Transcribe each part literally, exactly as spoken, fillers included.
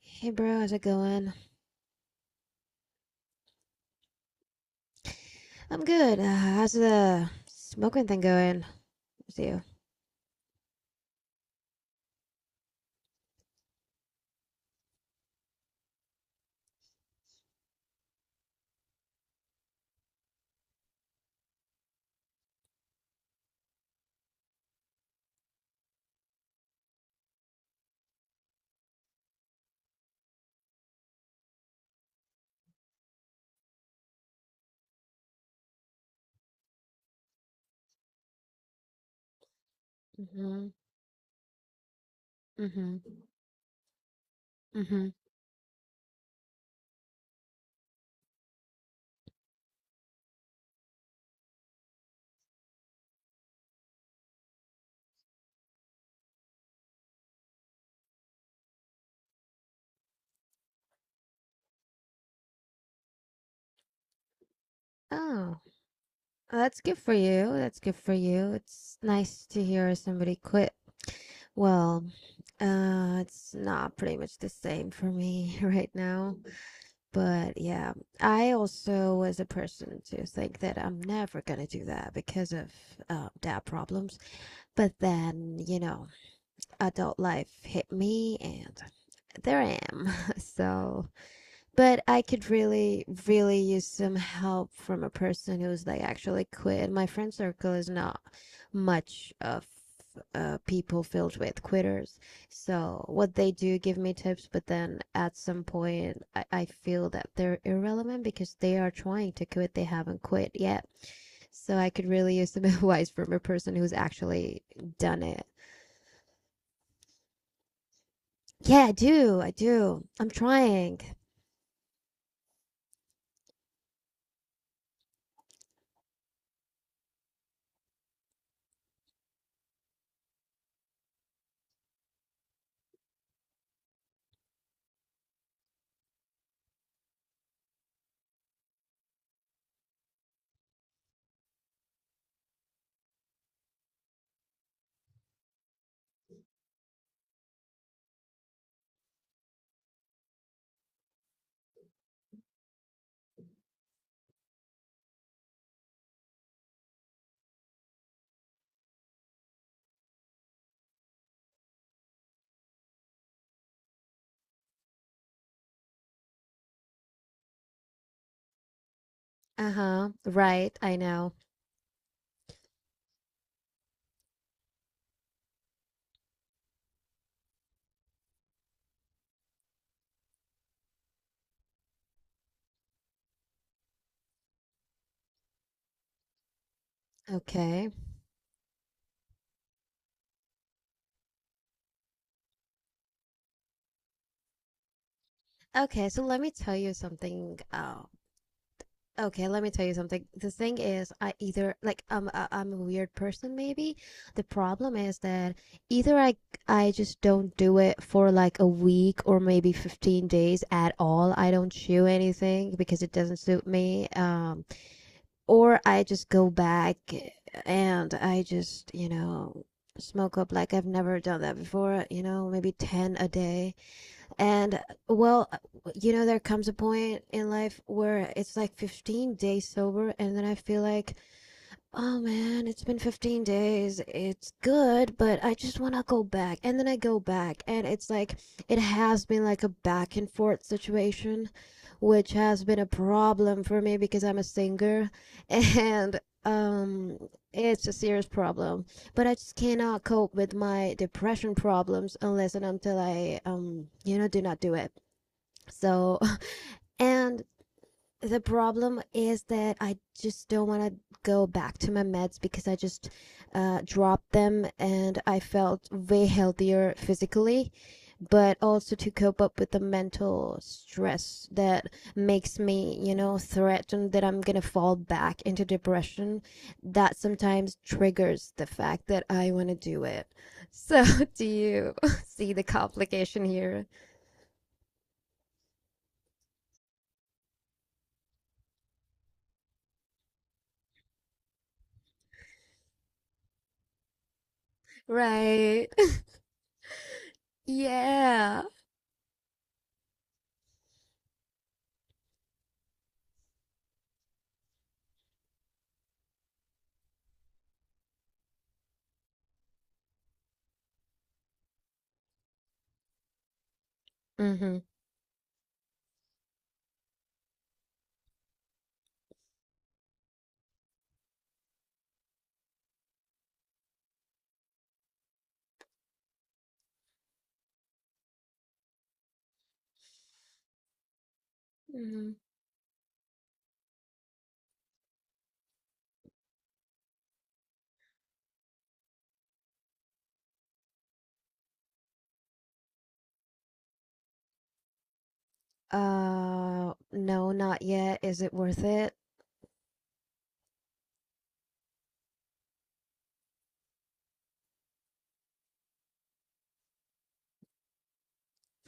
Hey, bro, how's it going? I'm good. Uh, how's the smoking thing going with you? Mm-hmm. Mm-hmm. Mm-hmm. Oh, well, that's good for you. That's good for you. It's nice to hear somebody quit. Well, uh, it's not pretty much the same for me right now. But yeah, I also was a person to think that I'm never gonna do that because of uh, dad problems. But then, you know, adult life hit me and there I am. So, but I could really, really use some help from a person who's like actually quit. My friend circle is not much of uh, people filled with quitters. So, what they do give me tips, but then at some point, I, I feel that they're irrelevant because they are trying to quit, they haven't quit yet. So, I could really use some advice from a person who's actually done it. Yeah, I do. I do. I'm trying. Uh-huh. Right, I know. Okay. Okay, so let me tell you something. Uh, okay, let me tell you something. The thing is, I either like I'm I- I'm a weird person maybe. The problem is that either I I just don't do it for like a week or maybe fifteen days at all. I don't chew anything because it doesn't suit me. Um, or I just go back and I just, you know, smoke up like I've never done that before, you know, maybe ten a day. And uh, well, you know, there comes a point in life where it's like fifteen days sober, and then I feel like, oh man, it's been fifteen days. It's good, but I just want to go back. And then I go back, and it's like it has been like a back and forth situation, which has been a problem for me because I'm a singer and um it's a serious problem. But I just cannot cope with my depression problems unless and until I um you know do not do it. So, and the problem is that I just don't want to go back to my meds because I just uh, dropped them and I felt way healthier physically, but also to cope up with the mental stress that makes me, you know, threatened that I'm going to fall back into depression. That sometimes triggers the fact that I want to do it. So, do you see the complication here? Right. Yeah. Mm-hmm. Mm-hmm. Uh, no, not yet. Is it worth it?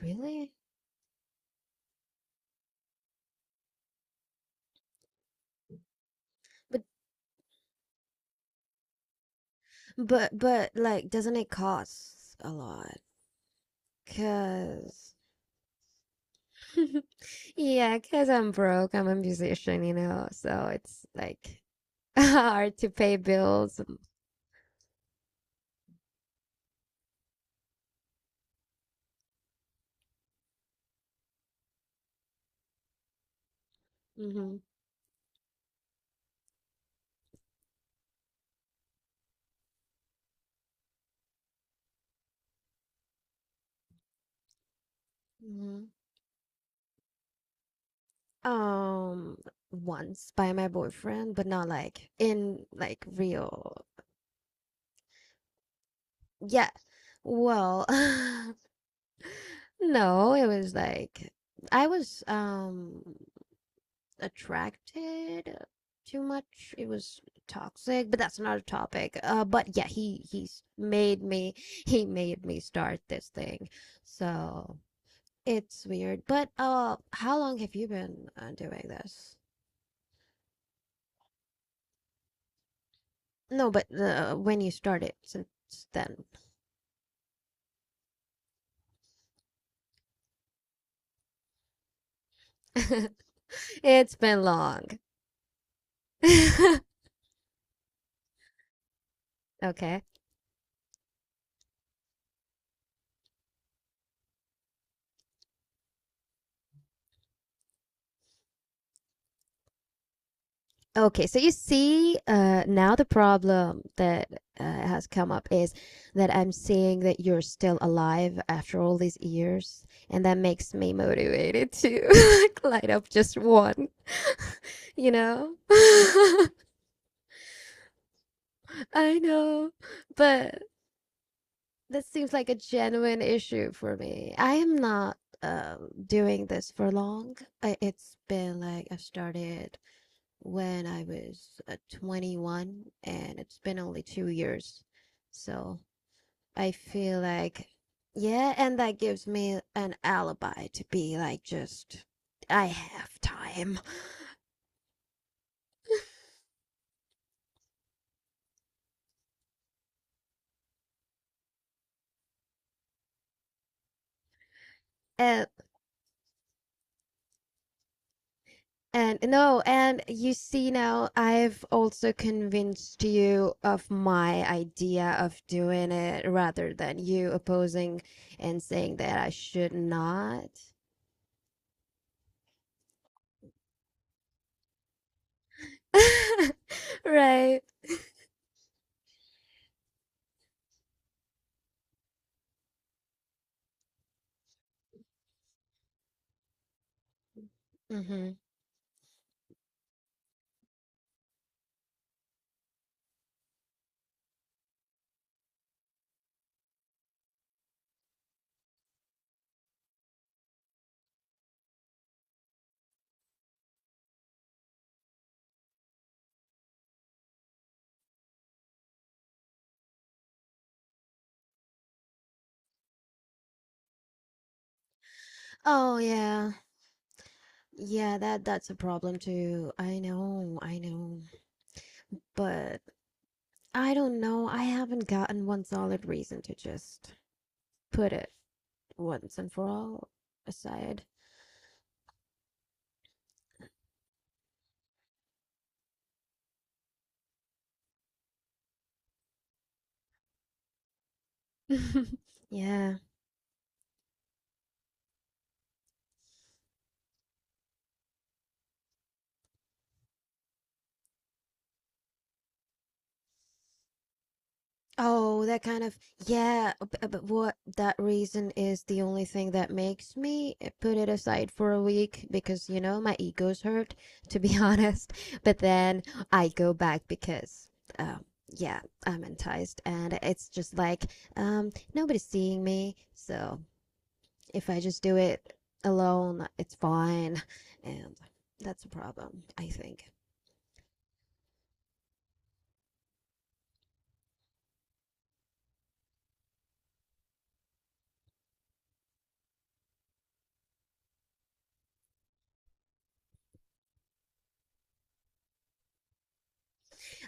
Really? But but but like doesn't it cost a lot? Cause yeah, because yeah, 'cause I'm broke. I'm a musician, you know. So it's like hard to pay bills. Hmm. Hmm. Um, once by my boyfriend, but not like in like real. Yeah. Well, no, it was like I was um attracted too much. It was toxic, but that's not a topic. Uh, but yeah, he he's made me he made me start this thing. So it's weird. But uh, how long have you been uh, doing this? No, but uh, when you started since then, it's been long. Okay. Okay, so you see, uh, now the problem that uh, has come up is that I'm seeing that you're still alive after all these years, and that makes me motivated to like light up just one, you know? I know, but this seems like a genuine issue for me. I am not um doing this for long. I, it's been like I've started when I was uh, twenty-one, and it's been only two years. So I feel like, yeah, and that gives me an alibi to be like, just, I have time. And, and no, and you see now, I've also convinced you of my idea of doing it rather than you opposing and saying that I should not. Right. Mm-hmm. Oh, yeah. Yeah, that that's a problem too. I know, I know. But I don't know. I haven't gotten one solid reason to just put it once and for all aside. Yeah. Oh, that kind of, yeah, but, but what that reason is the only thing that makes me eh, put it aside for a week because, you know, my ego's hurt, to be honest. But then I go back because, um, yeah, I'm enticed and it's just like, um, nobody's seeing me. So if I just do it alone, it's fine. And that's a problem, I think.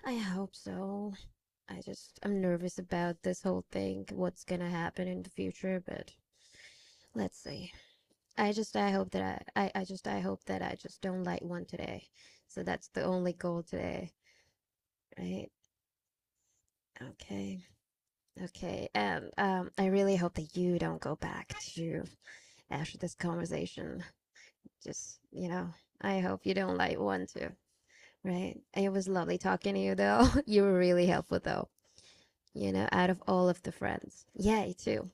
I hope so. I just, I'm nervous about this whole thing, what's gonna happen in the future, but let's see. I just, I hope that I, I, I just, I hope that I just don't light one today. So that's the only goal today, right? Okay, okay. And um, I really hope that you don't go back to after this conversation. Just, you know, I hope you don't light one too, right? It was lovely talking to you though. You were really helpful though, you know, out of all of the friends. Yeah, you too.